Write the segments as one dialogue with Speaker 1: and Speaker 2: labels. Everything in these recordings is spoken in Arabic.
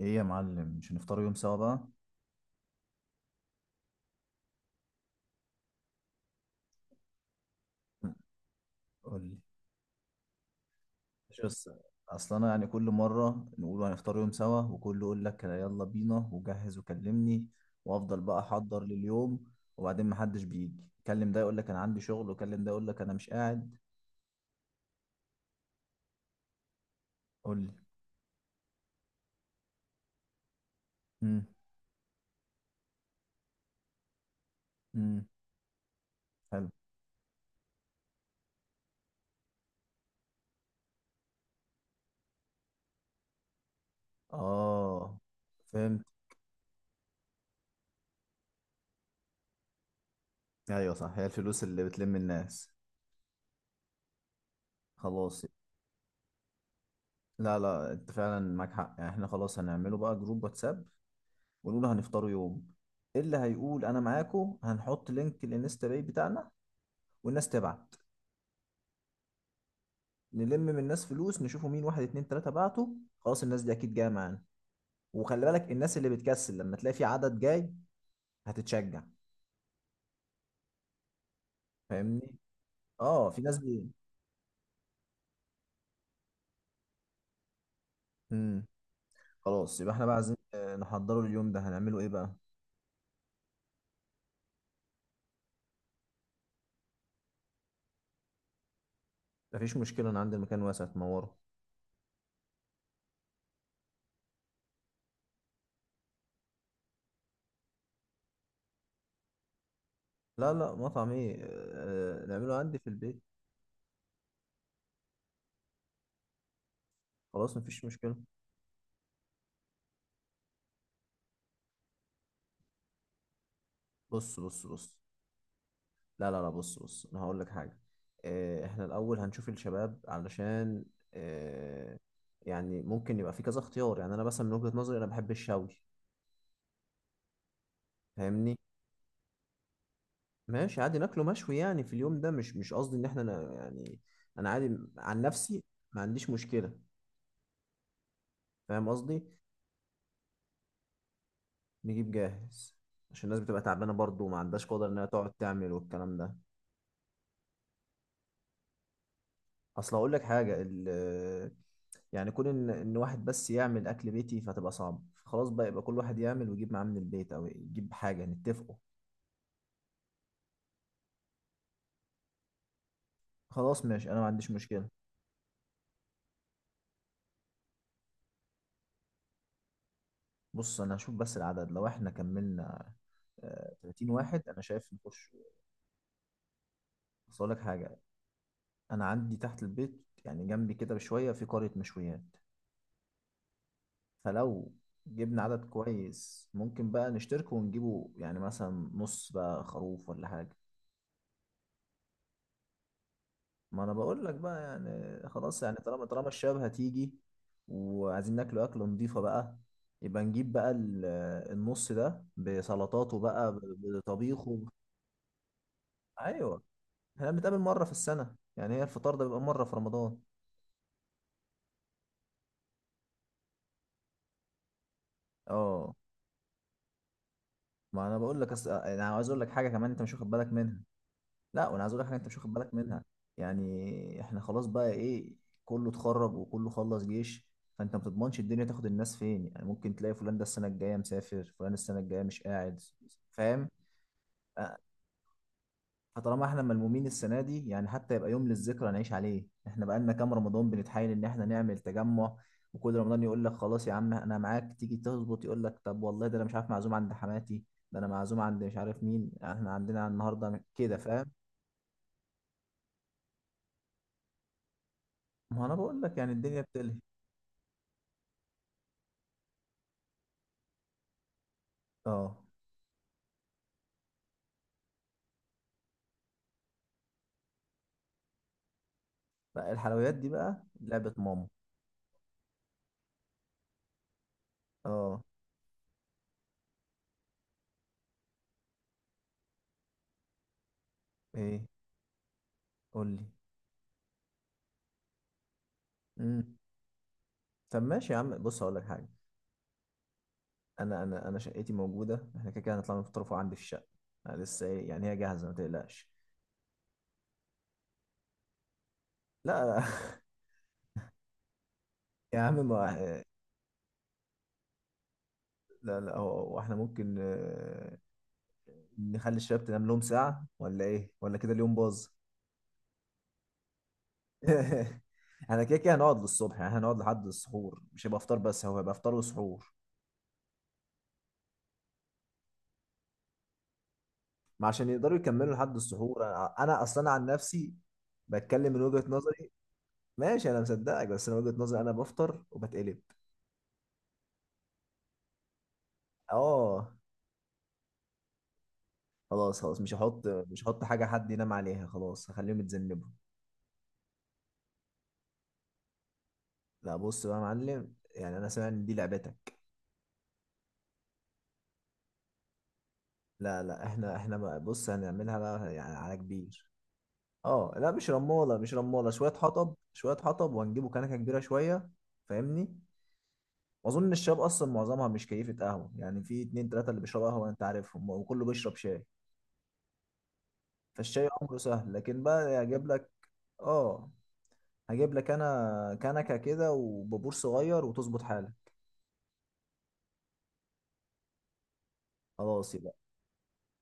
Speaker 1: ايه يا معلم، مش هنفطر يوم سوا بقى؟ قول لي. شو يلا الس- اصل انا يعني كل مره نقول هنفطر يوم سوا، وكله يقول لك يلا بينا وجهز وكلمني، وافضل بقى احضر لليوم، وبعدين محدش بيجي. كلم ده يقول لك انا عندي شغل، وكلم ده يقول لك انا مش قاعد. قول لي. امم. امم. حلو. اه. فهمت. ايوه صح، هي الفلوس اللي بتلم الناس. خلاص. لا لا، انت فعلا معاك حق، يعني احنا خلاص هنعمله بقى جروب واتساب ونقول هنفطروا يوم. إيه اللي هيقول انا معاكو؟ هنحط لينك الانستا باي بتاعنا والناس تبعت. نلم من الناس فلوس، نشوفوا مين واحد اتنين تلاتة بعتوا، خلاص الناس دي اكيد جاية معانا. وخلي بالك، الناس اللي بتكسل لما تلاقي في عدد جاي هتتشجع. فاهمني. اه. مم. خلاص يبقى احنا بقى عايزين نحضره اليوم ده، هنعمله ايه بقى؟ مفيش مشكلة، انا عندي المكان واسع تنوره. لا لا، مطعم ايه؟ نعمله عندي في البيت. خلاص مفيش مشكلة. بص بص بص. لا لا لا، بص بص، انا هقول لك حاجه. احنا الاول هنشوف الشباب، علشان آه، يعني ممكن يبقى في كذا اختيار، يعني انا مثلا من وجهه نظري انا بحب الشوي. فاهمني. ماشي عادي ناكله مشوي يعني في اليوم ده، مش قصدي ان احنا يعني انا عادي عن نفسي. ما عنديش مشكله. فاهم قصدي. نجيب جاهز. عشان الناس بتبقى تعبانه برضه وما عندهاش قدره انها تقعد تعمل والكلام ده. اصل اقول لك حاجه، يعني كون ان واحد بس يعمل اكل بيتي فتبقى صعب. خلاص بقى، يبقى كل واحد يعمل ويجيب معاه من البيت، او يجيب حاجه نتفقوا. خلاص ماشي، انا ما عنديش مشكله. بص انا هشوف بس العدد. لو احنا كملنا 30 واحد انا شايف نخش. بس اقول لك حاجه، انا عندي تحت البيت يعني جنبي كده بشويه في قريه مشويات. فلو جبنا عدد كويس ممكن بقى نشترك ونجيبه، يعني مثلا نص بقى خروف ولا حاجه. ما انا بقول لك بقى، يعني خلاص، يعني طالما الشباب هتيجي وعايزين ناكل اكله نضيفه بقى، يبقى نجيب بقى النص ده بسلطاته بقى بطبيخه. ايوه. احنا بنتقابل مره في السنه، يعني هي الفطار ده بيبقى مره في رمضان. اه. ما انا بقول لك انا عاوز اقول لك حاجه كمان انت مش واخد بالك منها. لا وانا عايز اقول لك حاجه انت مش واخد بالك منها. يعني احنا خلاص بقى ايه، كله اتخرج وكله خلص جيش. فانت ما بتضمنش الدنيا تاخد الناس فين، يعني ممكن تلاقي فلان ده السنه الجايه مسافر، فلان السنه الجايه مش قاعد. فاهم. آه، فطالما احنا ملمومين السنه دي يعني، حتى يبقى يوم للذكرى نعيش عليه. احنا بقى لنا كام رمضان بنتحايل ان احنا نعمل تجمع، وكل رمضان يقول لك خلاص يا عم انا معاك، تيجي تظبط يقول لك طب والله ده انا مش عارف معزوم عند حماتي، ده انا معزوم عند مش عارف مين، احنا عندنا النهارده كده. فاهم. ما انا بقول لك يعني الدنيا بتلهي. اه. لا الحلويات دي بقى لعبة ماما. اه. ايه؟ قول لي. امم. طب ماشي يا عم، بص هقول لك حاجة. انا شقتي موجودة، احنا كده كده هنطلع نفطروا عندي في الشقة. أنا لسه ايه يعني، هي جاهزة ما تقلقش. لا. يا عم ما. لا لا، هو هو احنا ممكن نخلي الشباب تنام لهم ساعة، ولا ايه، ولا كده اليوم باظ. احنا كده كده هنقعد للصبح، يعني هنقعد لحد السحور، مش هيبقى فطار بس، هو هيبقى فطار وسحور. ما عشان يقدروا يكملوا لحد السحور. انا اصلا عن نفسي بتكلم من وجهة نظري. ماشي انا مصدقك، بس انا وجهة نظري انا بفطر وبتقلب. اه. خلاص خلاص، مش هحط حاجة حد ينام عليها، خلاص هخليهم يتذنبوا. لا بص بقى يا معلم، يعني انا سامع ان دي لعبتك. لا لا، احنا بقى بص هنعملها بقى يعني على كبير. اه لا، مش رمالة، شوية حطب، شوية حطب، وهنجيبوا كنكة كبيرة شوية. فاهمني. واظن الشباب اصلا معظمها مش كيفة قهوة، يعني في اتنين تلاتة اللي بيشربوا قهوة انت عارفهم، وكله بيشرب شاي. فالشاي امره سهل، لكن بقى هجيب لك. اه. هجيب لك انا كنكة كده وبابور صغير، وتظبط حالك. خلاص يبقى.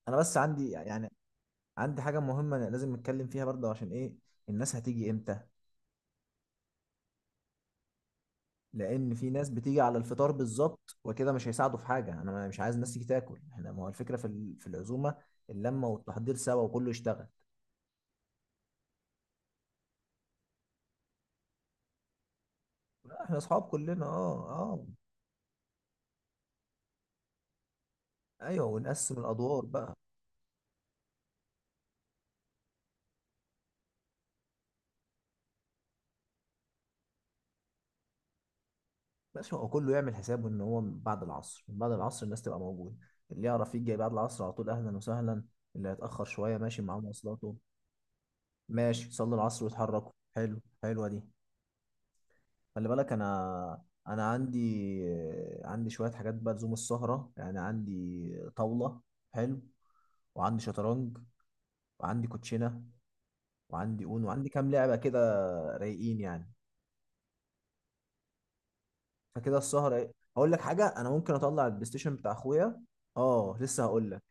Speaker 1: انا بس عندي يعني عندي حاجة مهمة أنا لازم نتكلم فيها برضه، عشان ايه؟ الناس هتيجي امتى؟ لان في ناس بتيجي على الفطار بالظبط وكده مش هيساعدوا في حاجة. انا مش عايز الناس تيجي تاكل، احنا ما هو الفكرة في في العزومة، اللمة والتحضير سوا وكله يشتغل. لا، احنا اصحاب كلنا اه اه. ايوه، ونقسم الادوار بقى. ماشي، هو كله يعمل حسابه ان هو من بعد العصر. من بعد العصر الناس تبقى موجوده، اللي يعرف يجي بعد العصر على طول اهلا وسهلا، اللي هيتاخر شويه ماشي معاه مواصلاته. ماشي، صلوا العصر واتحركوا. حلو، حلوه دي. خلي بالك، انا عندي، عندي شويه حاجات بقى لزوم السهره، يعني عندي طاوله. حلو. وعندي شطرنج، وعندي كوتشينه، وعندي اون، وعندي كام لعبه كده. رايقين يعني. فكده السهرة ايه. هقول لك حاجة، انا ممكن اطلع البلاي ستيشن بتاع اخويا. اه لسه هقول لك.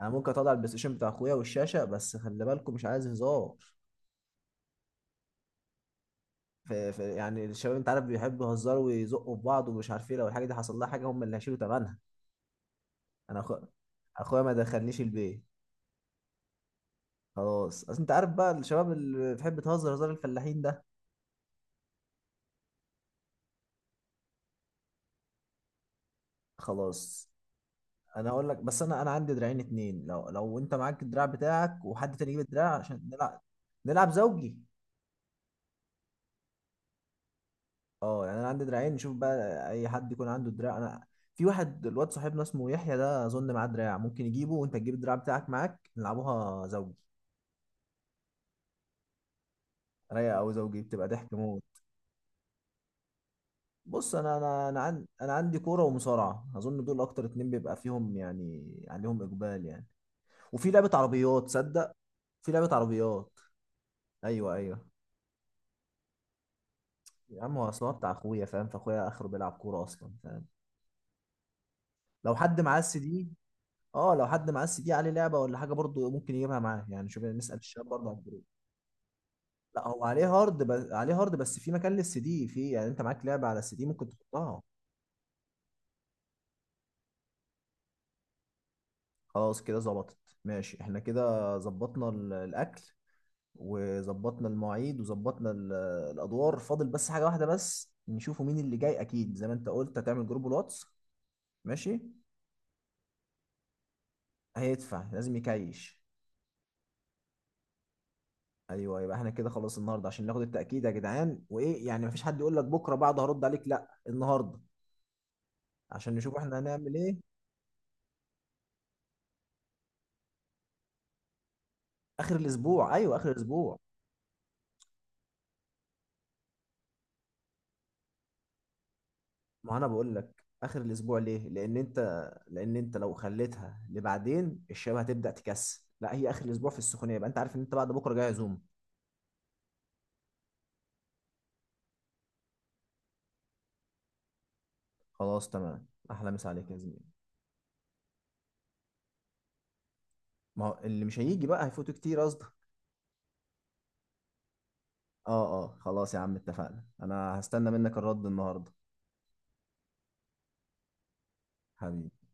Speaker 1: انا ممكن اطلع البلاي ستيشن بتاع اخويا والشاشة، بس خلي بالكم مش عايز هزار. يعني الشباب انت عارف بيحبوا يهزروا ويزقوا في بعض ومش عارف ايه، لو الحاجة دي حصل لها حاجة هم اللي هيشيلوا ثمنها. انا أخو... اخويا ما دخلنيش البيت. خلاص اصل انت عارف بقى الشباب اللي بتحب تهزر هزار الفلاحين ده. خلاص، انا هقول لك بس، انا عندي دراعين اتنين. لو انت معاك الدراع بتاعك وحد تاني يجيب الدراع عشان نلعب، نلعب زوجي. اه، يعني انا عندي دراعين، نشوف بقى اي حد يكون عنده دراع. انا في واحد الواد صاحبنا اسمه يحيى ده، اظن معاه دراع، ممكن يجيبه، وانت تجيب الدراع بتاعك معاك نلعبوها زوجي. رايقه، او زوجي بتبقى ضحك موت. بص، انا عندي، انا عندي كوره ومصارعه، اظن دول اكتر اتنين بيبقى فيهم يعني عليهم اقبال يعني. وفي لعبه عربيات، تصدق في لعبه عربيات. ايوه ايوه. يا عم هو اصلا بتاع اخويا فاهم، فاخويا اخره بيلعب كوره اصلا فاهم. لو حد معاه السي دي. اه، لو حد معاه السي دي عليه لعبه ولا حاجه برضه ممكن يجيبها معاه، يعني شوف يعني نسال الشباب برضه عن الجروب. لا هو عليه هارد، عليه هارد، بس في مكان للسي دي، في يعني انت معاك لعبه على السي دي ممكن تحطها. خلاص كده ظبطت. ماشي، احنا كده ظبطنا الاكل، وظبطنا المواعيد، وظبطنا الادوار. فاضل بس حاجه واحده بس، نشوفوا مين اللي جاي، اكيد زي ما انت قلت هتعمل جروب الواتس. ماشي. هيدفع لازم يكايش. ايوه، يبقى احنا كده خلاص النهارده، عشان ناخد التاكيد يا جدعان، وايه يعني مفيش حد يقول لك بكره بعد هرد عليك، لا النهارده عشان نشوف احنا هنعمل ايه. اخر الاسبوع، ايوه اخر الاسبوع. ما انا بقول لك اخر الاسبوع ليه، لان انت لو خليتها لبعدين الشباب هتبدا تكسل. لا هي اخر الاسبوع في السخونيه، يبقى انت عارف ان انت بعد بكره جاي عزومه. خلاص تمام، احلى مسا عليك يا زميلي. ما هو اللي مش هيجي بقى هيفوتوا كتير قصدك. اه اه خلاص يا عم اتفقنا، انا هستنى منك الرد النهارده. حبيبي.